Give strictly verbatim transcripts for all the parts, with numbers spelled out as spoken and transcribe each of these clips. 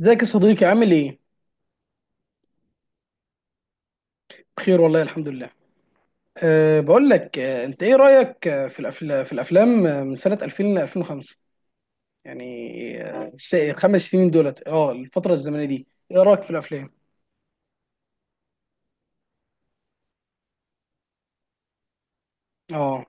ازيك يا صديقي، عامل ايه؟ بخير والله، الحمد لله. أه بقول لك، أه انت ايه رأيك آه، في الافلام في الافلام آه، من سنة ألفين ل ألفين وخمسة يعني آه، الس- الخمس سنين دولت، اه الفترة الزمنية دي ايه رأيك في الافلام؟ اه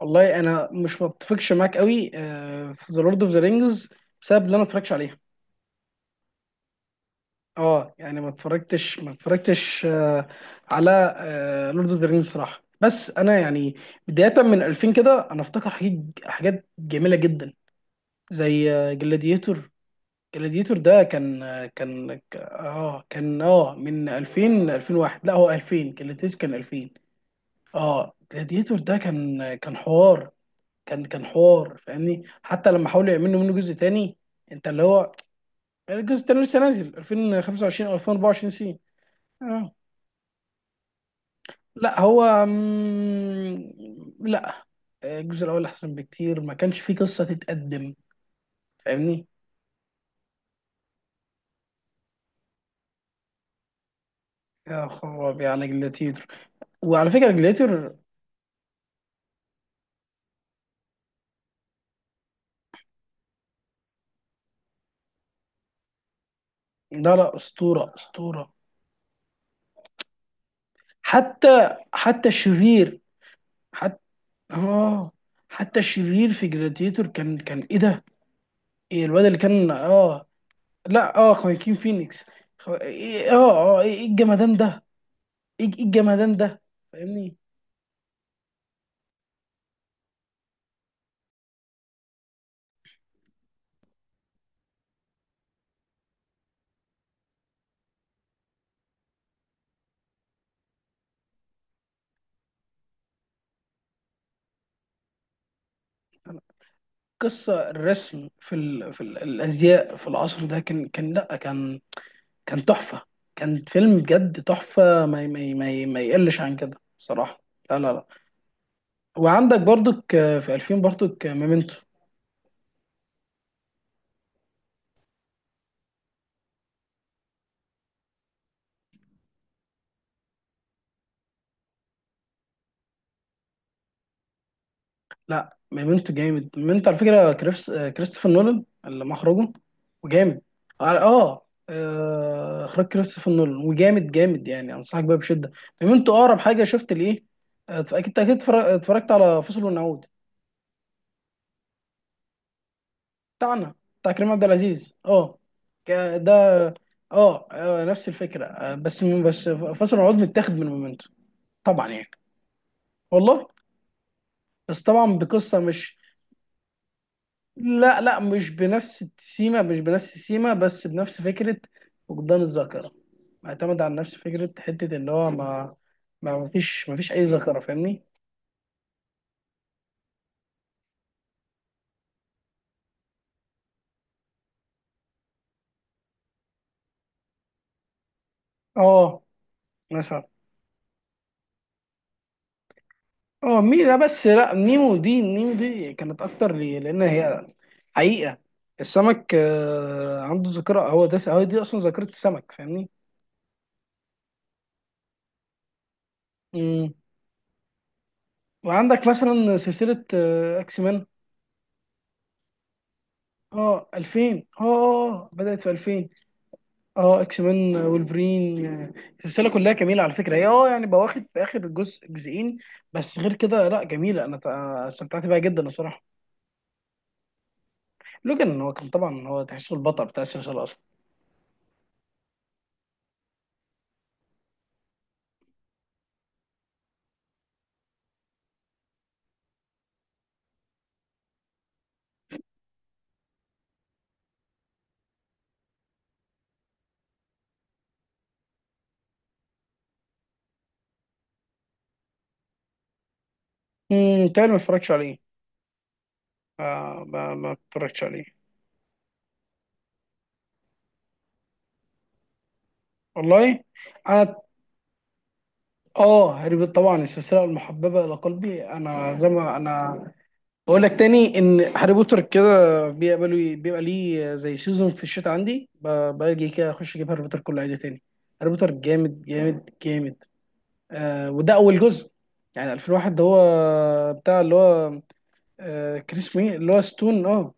والله انا مش متفقش معاك قوي أه في ذا لورد اوف ذا رينجز بسبب ان انا ما اتفرجتش عليها. اه يعني ما اتفرجتش ما اتفرجتش أه على لورد اوف ذا رينجز صراحة. بس انا يعني بداية من ألفين كده، انا افتكر حاجات، حاجات جميلة جدا، زي جلاديتور. جلاديتور ده كان كان اه كان اه من ألفين ل ألفين وواحد، لا هو ألفين، جلاديتور كان ألفين. اه جلاديتور ده كان كان حوار كان كان حوار، فاهمني؟ حتى لما حاولوا يعملوا منه جزء تاني، انت اللي هو الجزء التاني لسه نازل ألفين وخمسة وعشرين او ألفين وأربعة وعشرين سين. اه لا هو مم، لا، الجزء الاول احسن بكتير، ما كانش فيه قصة تتقدم، فاهمني. يا خرابي على جلاديتور! وعلى فكرة جلاديتور، لا، لا، اسطوره اسطوره. حتى حتى الشرير حتى اه حتى الشرير في جلاديتور كان كان ايه ده؟ إيه الواد اللي كان اه لا، اه خواكين فينيكس. خو... إيه اه اه ايه إيه الجمدان ده؟ ايه إيه الجمدان ده، فاهمني. أنا- قصه الرسم في ال... في ال... الازياء في العصر ده، كان كان لا، كان كان تحفه. كان فيلم بجد تحفه، ما ي- ما ي- ما, ي- ما يقلش عن كده صراحه. لا، لا، لا. وعندك برضك آه، في ألفين برضك آه، ميمنتو. لا، ميمنتو جامد، ميمنتو على فكره كريس آه، كريستوفر نولان اللي مخرجه، وجامد. اه آه، آه، اخراج كريستوفر نولان، وجامد جامد يعني، انصحك بيها بشده. ميمنتو اقرب حاجه شفت لايه آه، اكيد اكيد اتفرج- اتفرجت على فصل ونعود بتاعنا، بتاع كريم عبد العزيز اه ك- ده اه آه، نفس الفكره آه، بس بس فصل ونعود متاخد من ميمنتو طبعا يعني. والله، بس طبعا بقصه مش، لا، لا، مش بنفس السيما مش بنفس السيما، بس بنفس فكرة فقدان الذاكرة، معتمد على نفس فكرة حتة إن هو ما ما فيش ما فيش أي ذاكرة، فاهمني؟ اه مثلا، اه مينا، بس لا، نيمو دي نيمو دي كانت أكتر لي، لأن هي حقيقة السمك آه، عنده ذاكرة، هو ده، هو دي أصلا ذاكرة السمك، فاهمني؟ مم. وعندك مثلا سلسلة آه، أكس مان. اه ألفين، اه آه، بدأت في ألفين. اه اكس مان، وولفرين آه، السلسله كلها جميله على فكره. هي اه يعني بواخد في اخر جزء، جزئين، بس غير كده، لا جميله، انا تع- استمتعت بيها جدا الصراحه. لوجان هو كان طبعا، هو تحسه البطل بتاع السلسله اصلا. امم تاني ما اتفرجتش عليه، آه ما ما اتفرجتش عليه والله. انا اه هاري بوتر، طبعا السلسله المحببه الى قلبي، انا زي ما انا بقول لك تاني، ان هاري بوتر كده بيبقى لي، بيبقى ليه زي سيزون في الشتاء عندي، ب- باجي كده اخش اجيب هاري بوتر كله عادي تاني. هاري بوتر جامد جامد جامد. آه وده اول جزء، يعني ألفين وواحد ده هو بتاع اللي هو، آه كان اسمه ايه، اللي هو ستون اه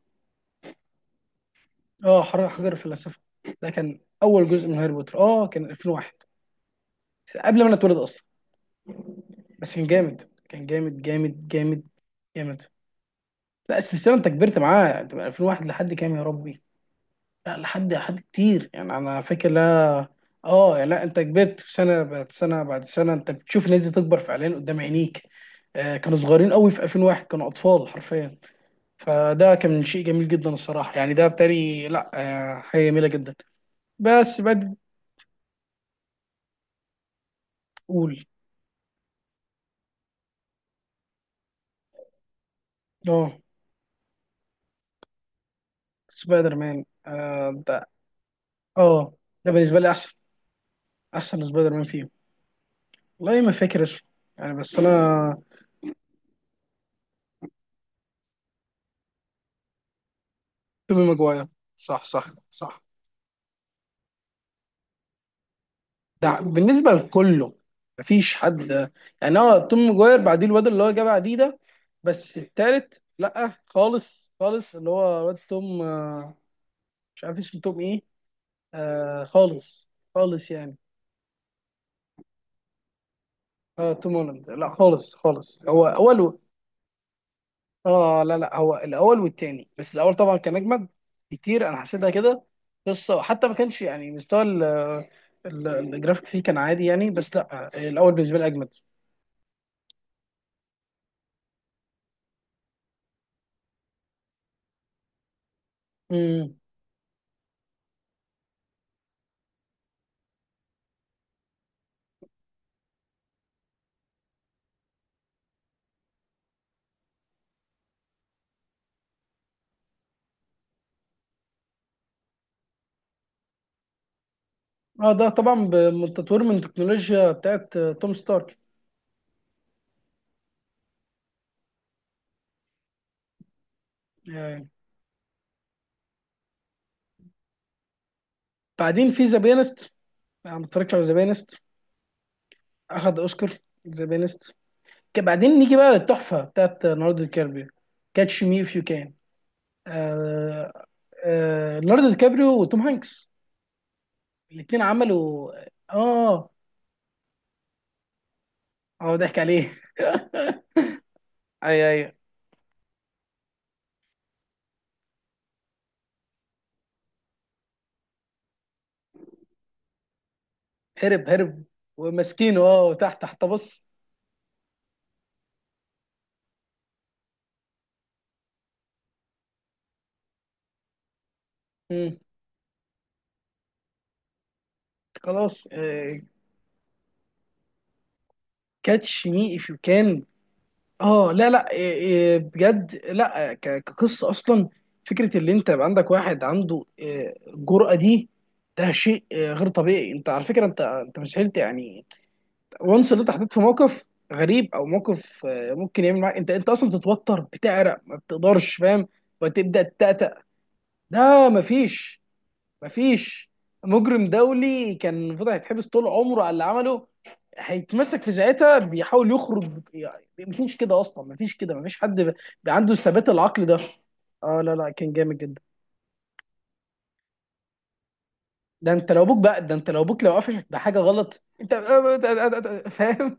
اه حر- حجر الفلسفه، ده كان اول جزء من هاري بوتر، اه كان ألفين وواحد، قبل ما انا اتولد اصلا. بس كان جامد، كان جامد جامد جامد جامد. لا السلسله انت كبرت معاها، انت من ألفين وواحد لحد كام يا ربي، لا لحد حد كتير يعني، انا فاكر، لا. اه يعني لا، انت كبرت سنه بعد سنه بعد سنه، انت بتشوف الناس دي تكبر فعليا قدام عينيك. آه كانوا صغيرين قوي في ألفين وواحد، كانوا اطفال حرفيا، فده كان شيء جميل جدا الصراحه يعني، ده بتاري، لا. آه حاجه جميله جدا. بس بعد، تقول، اه سبايدر مان، آه ده، اه ده بالنسبه لي احسن، احسن سبايدر مان فيهم. والله ما فاكر اسمه، يعني بس انا. توبي ماجواير، صح، صح، صح. ده بالنسبه لكله، مفيش حد يعني. هو توم ماجواير، بعديه الواد اللي هو جاب بعديه ده. بس التالت، لا خالص خالص، اللي هو واد توم آه، مش عارف اسمه توم ايه. آه خالص خالص يعني. اه توم هولاند، لا خالص خالص، هو اول و... اه لا، لا، هو الاول والتاني، بس الاول طبعا كان اجمد. كتير انا حسيتها كده قصه، وحتى ما كانش يعني مستوى ال- ال- الجرافيك فيه كان عادي يعني، بس لا آه، الاول بالنسبه لي اجمد. اه ده طبعا بالتطوير من التكنولوجيا بتاعت آه، توم ستارك يعني. بعدين في ذا بيانست، انا ما اتفرجتش على ذا بيانست، اخد اوسكار ذا بيانست. بعدين نيجي بقى للتحفه بتاعت آه، ليوناردو دي كابريو. كاتش مي اف يو كان. ليوناردو دي كابريو وتوم هانكس، الاثنين عملوا، اه اه ضحك عليه. اي، اي، هرب، هرب، وماسكينه اه تحت تحت، بص. مم. خلاص. كاتش مي اف يو كان. اه لا، لا، إيه، إيه بجد، لا ك- كقصه اصلا. فكره اللي انت يبقى عندك واحد، عنده إيه، الجرأه دي، ده شيء إيه، غير طبيعي، انت على فكره انت انت مستحيل ت- يعني، وانس اللي انت حطيت في موقف غريب، او موقف آه، ممكن يعمل معاك، انت انت اصلا بتتوتر، بتعرق، ما بتقدرش، فاهم؟ وتبدا تتأتأ، ده مفيش. مفيش مجرم دولي كان المفروض هيتحبس طول عمره على اللي عمله، هيتمسك في ساعتها بيحاول يخرج يعني، مفيش كده اصلا، مفيش كده، مفيش حد ب- بي- عنده الثبات العقلي ده. اه لا، لا، كان جامد جدا. ده انت لو ابوك بقى ده انت لو ابوك لو قفشك بحاجه غلط، انت فاهم؟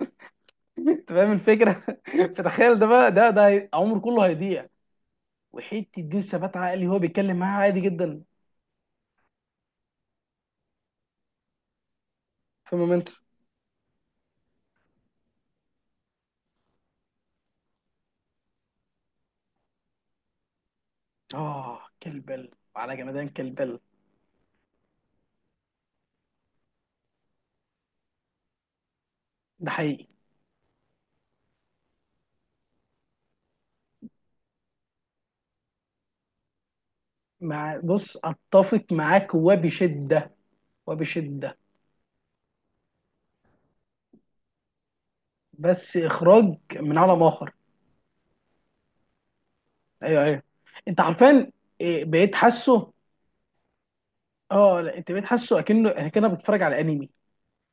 انت فاهم الفكره، فتخيل ده بقى، ده ده هي- عمره كله هيضيع، وحته دي ثبات عقلي، هو بيتكلم معاه عادي جدا. في مومنتو. اه كلبل. وعلى جمدان كلبل. ده حقيقي، مع بص، اتفق معاك وبشده، وبشده. بس اخراج من عالم اخر. ايوه، ايوه، انت عارفان. إيه، بقيت حاسه، اه لا انت بقيت حاسه اكنه، اكنه بتتفرج على انمي،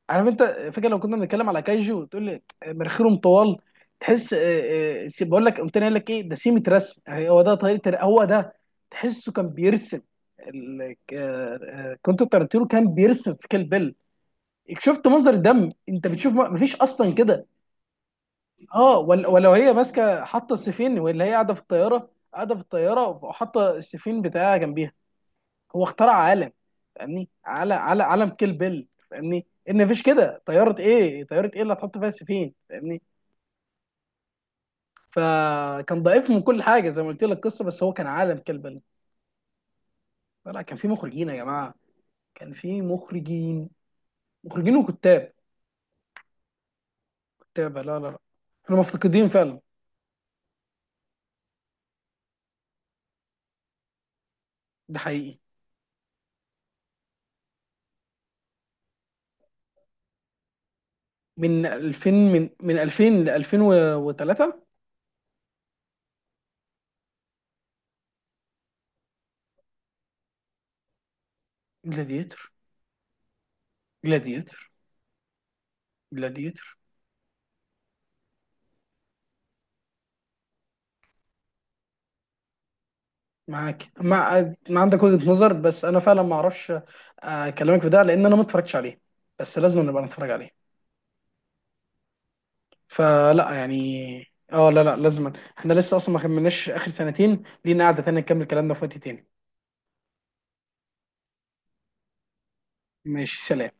عارف انت؟ فاكر لو كنا بنتكلم على كايجو، وتقول لي مناخيرهم طوال؟ تحس آه، آه، سي- بقول لك، قمت أنا قايل لك ايه؟ ده سيمة رسم، يعني هو ده طريقه، هو ده. تحسه كان بيرسم ال- ك- آه، آه، كنت ترتيرو، كان بيرسم في كيل بيل. شفت منظر دم انت بتشوف؟ ما فيش اصلا كده. اه ولا، ولو هي ماسكه حاطه السفين، ولا هي قاعده في الطياره قاعده في الطياره وحاطه السفين بتاعها جنبيها. هو اخترع عالم، فاهمني؟ على على عالم كيل بيل، فاهمني ان مفيش كده، طياره ايه؟ طياره ايه اللي هتحط فيها السفين، فاهمني؟ فكان ضعيف من كل حاجه زي ما قلت لك، القصه، بس هو كان عالم كيل بيل. لا، كان في مخرجين يا جماعه، كان في مخرجين، مخرجين وكتاب، كتابه، لا، لا، لا. احنا مفتقدين فعلا، ده حقيقي. من ألفين، من من ألفين ل ألفين وثلاثة. جلاديتور، جلاديتر، جلاديتر. معاك مع ما عندك وجهة نظر، بس انا فعلا ما اعرفش آه، اكلمك في ده لان انا ما اتفرجتش عليه، بس لازم نبقى نتفرج عليه. فلا يعني، اه لا، لا لازم. احنا لسه اصلا ما كملناش اخر سنتين، لينا قعدة تانية نكمل كلامنا في وقت تاني. ماشي، سلام.